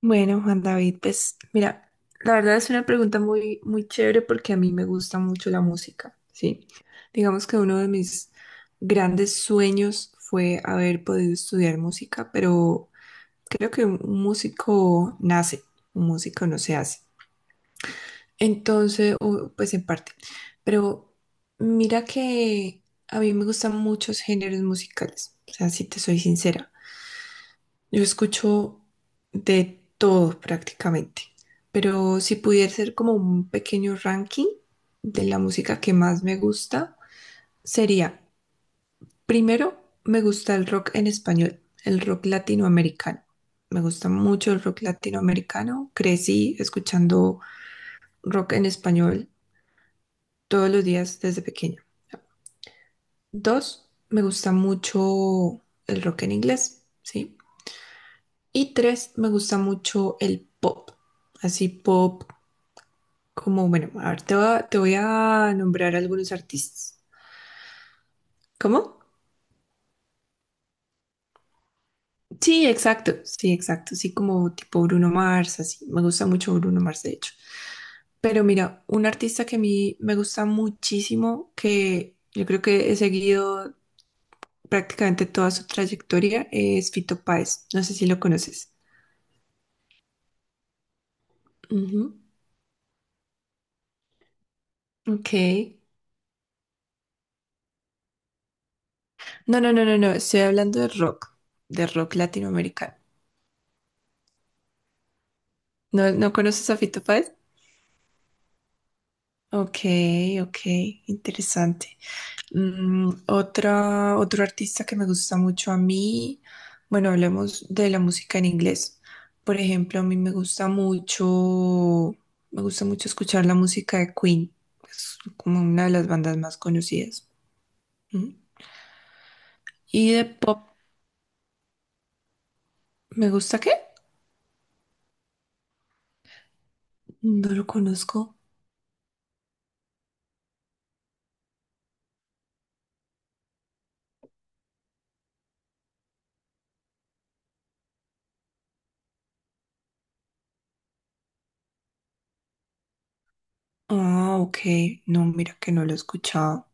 Bueno, Juan David, pues mira, la verdad es una pregunta muy, muy chévere porque a mí me gusta mucho la música, ¿sí? Digamos que uno de mis grandes sueños fue haber podido estudiar música, pero creo que un músico nace, un músico no se hace. Entonces, o, pues en parte, pero mira que a mí me gustan muchos géneros musicales, o sea, si te soy sincera. Yo escucho de todo prácticamente, pero si pudiera ser como un pequeño ranking de la música que más me gusta, sería, primero, me gusta el rock en español, el rock latinoamericano. Me gusta mucho el rock latinoamericano. Crecí escuchando rock en español todos los días desde pequeña. Dos, me gusta mucho el rock en inglés, ¿sí? Y tres, me gusta mucho el pop. Así pop como, bueno, a ver, te voy a nombrar algunos artistas. ¿Cómo? Sí, exacto, sí, exacto. Sí, como tipo Bruno Mars, así. Me gusta mucho Bruno Mars, de hecho. Pero mira, un artista que a mí me gusta muchísimo, que yo creo que he seguido prácticamente toda su trayectoria, es Fito Páez. No sé si lo conoces. Ujú. Ok. No, no, no, no, no. Estoy hablando de rock latinoamericano. ¿No, no conoces a Fito Páez? Ok, ok, interesante. Mm, otro artista que me gusta mucho a mí, bueno, hablemos de la música en inglés. Por ejemplo, a mí me gusta mucho escuchar la música de Queen, es como una de las bandas más conocidas. Mm. Y de pop, ¿me gusta qué? No lo conozco. Ah, ok, no, mira que no lo he escuchado.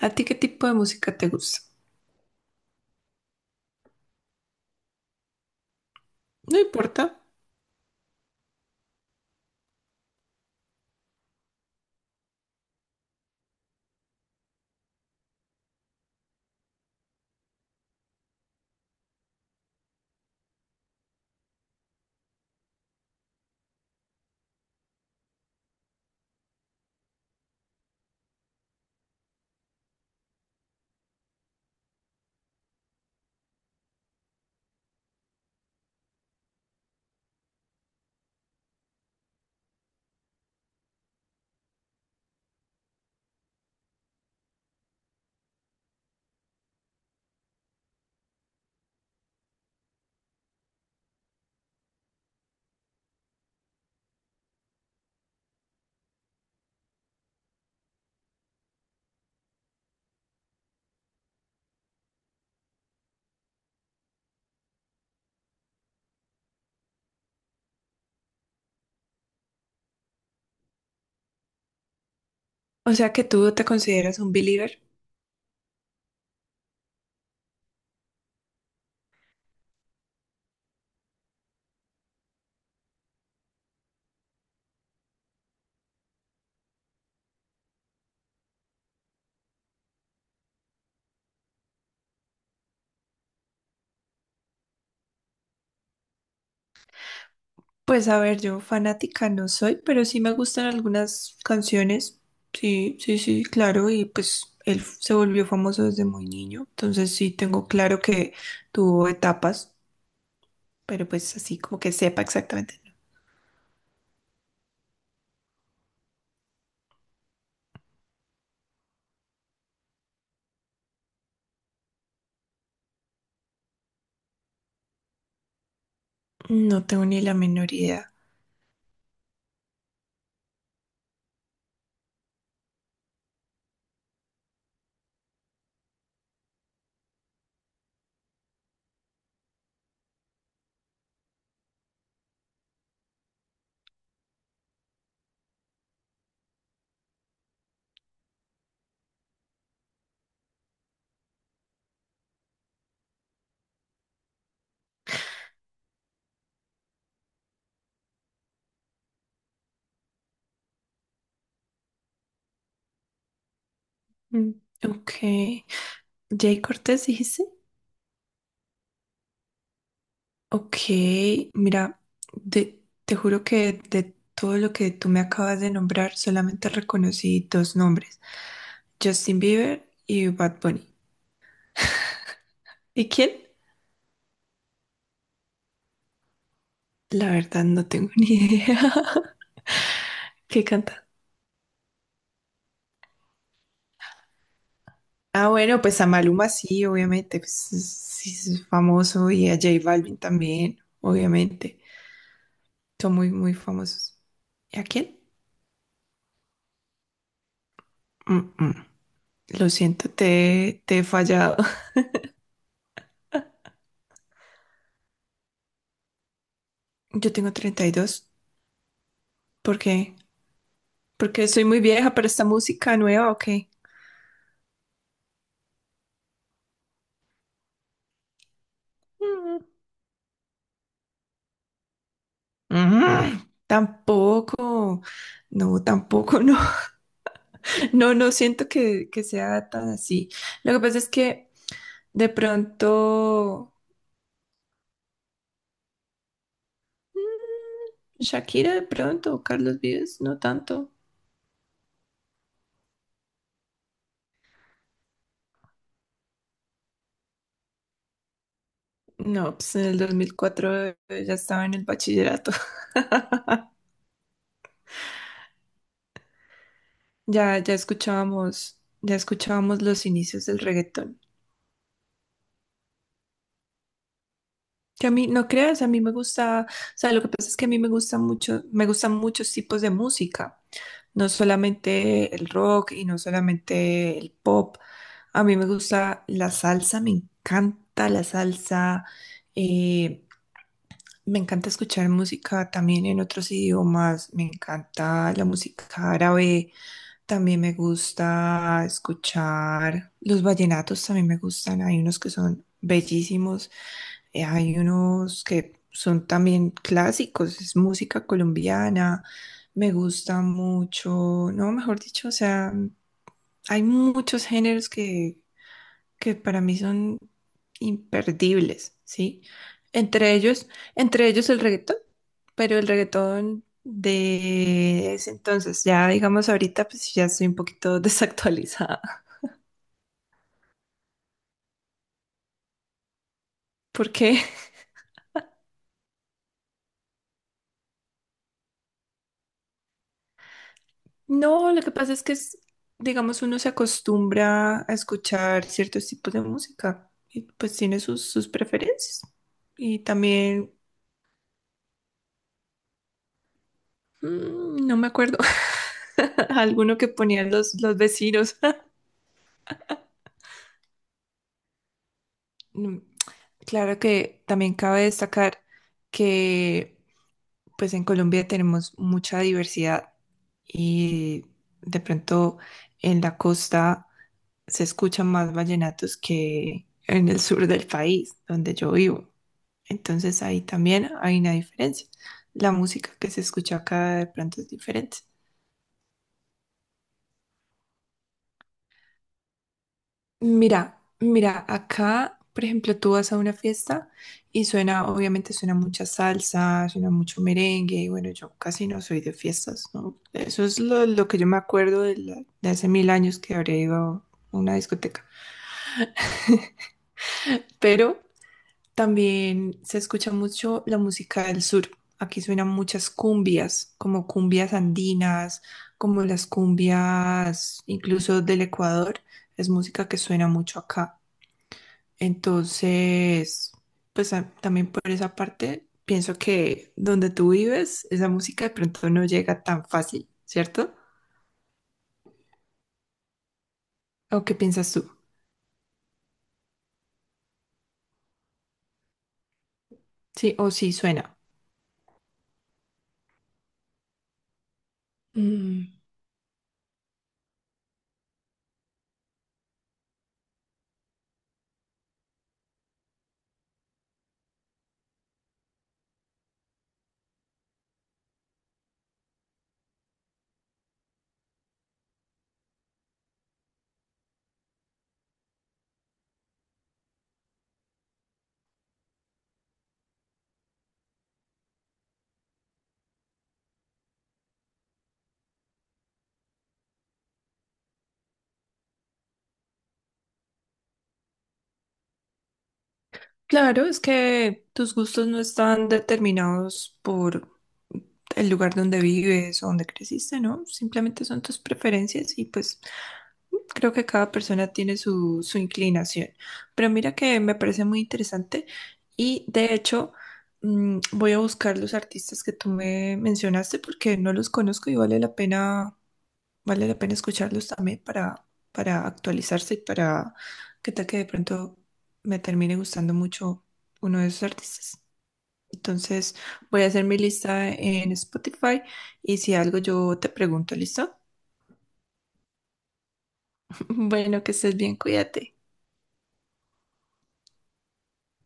¿A ti qué tipo de música te gusta? No importa. O sea que tú te consideras un believer. Pues a ver, yo fanática no soy, pero sí me gustan algunas canciones. Sí, sí, sí, claro. Y pues él se volvió famoso desde muy niño. Entonces sí tengo claro que tuvo etapas, pero pues así como que sepa exactamente. No tengo ni la menor idea. Mm. Ok. Jay Cortés, dijiste. Ok, mira, de- te juro que de todo lo que tú me acabas de nombrar, solamente reconocí dos nombres. Justin Bieber y Bad Bunny. ¿Y quién? La verdad no tengo ni idea. ¿Qué canta? Ah, bueno, pues a Maluma sí, obviamente, pues sí es famoso y a J Balvin también, obviamente. Son muy, muy famosos. ¿Y a quién? Mm, mm. Lo siento, te he fallado. Yo tengo 32. ¿Por qué? Porque soy muy vieja para esta música nueva, ¿o qué? Mm, Tampoco. No, tampoco, no. No, no siento que sea tan así. Lo que pasa es que de pronto, Shakira de pronto, o Carlos Vives, no tanto. No, pues en el 2004 ya estaba en el bachillerato. Ya escuchábamos los inicios del reggaetón. Que a mí, no creas, a mí me gusta, o sea, lo que pasa es que a mí me gusta mucho, me gustan muchos tipos de música, no solamente el rock y no solamente el pop, a mí me gusta la salsa, me encanta la salsa, eh, me encanta escuchar música también en otros idiomas, me encanta la música árabe, también me gusta escuchar los vallenatos, también me gustan, hay unos que son bellísimos. Hay unos que son también clásicos, es música colombiana, me gusta mucho, no, mejor dicho, o sea, hay muchos géneros que para mí son imperdibles, ¿sí? Entre ellos, entre ellos el reggaetón, pero el reggaetón de ese entonces, ya digamos ahorita, pues ya estoy un poquito desactualizada. ¿Por qué? No, lo que pasa es que es, digamos, uno se acostumbra a escuchar ciertos tipos de música y pues tiene sus preferencias. Y también, no me acuerdo, alguno que ponían los vecinos. Mm, claro que también cabe destacar que pues en Colombia tenemos mucha diversidad y de pronto en la costa se escuchan más vallenatos que en el sur del país, donde yo vivo. Entonces ahí también hay una diferencia. La música que se escucha acá de pronto es diferente. Mira, mira, acá, por ejemplo, tú vas a una fiesta y suena, obviamente suena mucha salsa, suena mucho merengue, y bueno, yo casi no soy de fiestas, ¿no? Eso es lo que yo me acuerdo de, de hace mil años que habría ido a una discoteca. Pero también se escucha mucho la música del sur. Aquí suenan muchas cumbias, como cumbias andinas, como las cumbias incluso del Ecuador. Es música que suena mucho acá. Entonces, pues también por esa parte, pienso que donde tú vives, esa música de pronto no llega tan fácil, ¿cierto? ¿O qué piensas tú? Sí, o sí suena. Mm. Claro, es que tus gustos no están determinados por el lugar donde vives o donde creciste, ¿no? Simplemente son tus preferencias y pues creo que cada persona tiene su inclinación, pero mira que me parece muy interesante y de hecho, voy a buscar los artistas que tú me mencionaste porque no los conozco y vale la pena escucharlos también para actualizarse y para que tal que de pronto me termine gustando mucho uno de esos artistas. Entonces voy a hacer mi lista en Spotify y si algo yo te pregunto, ¿listo? Bueno, que estés bien, cuídate.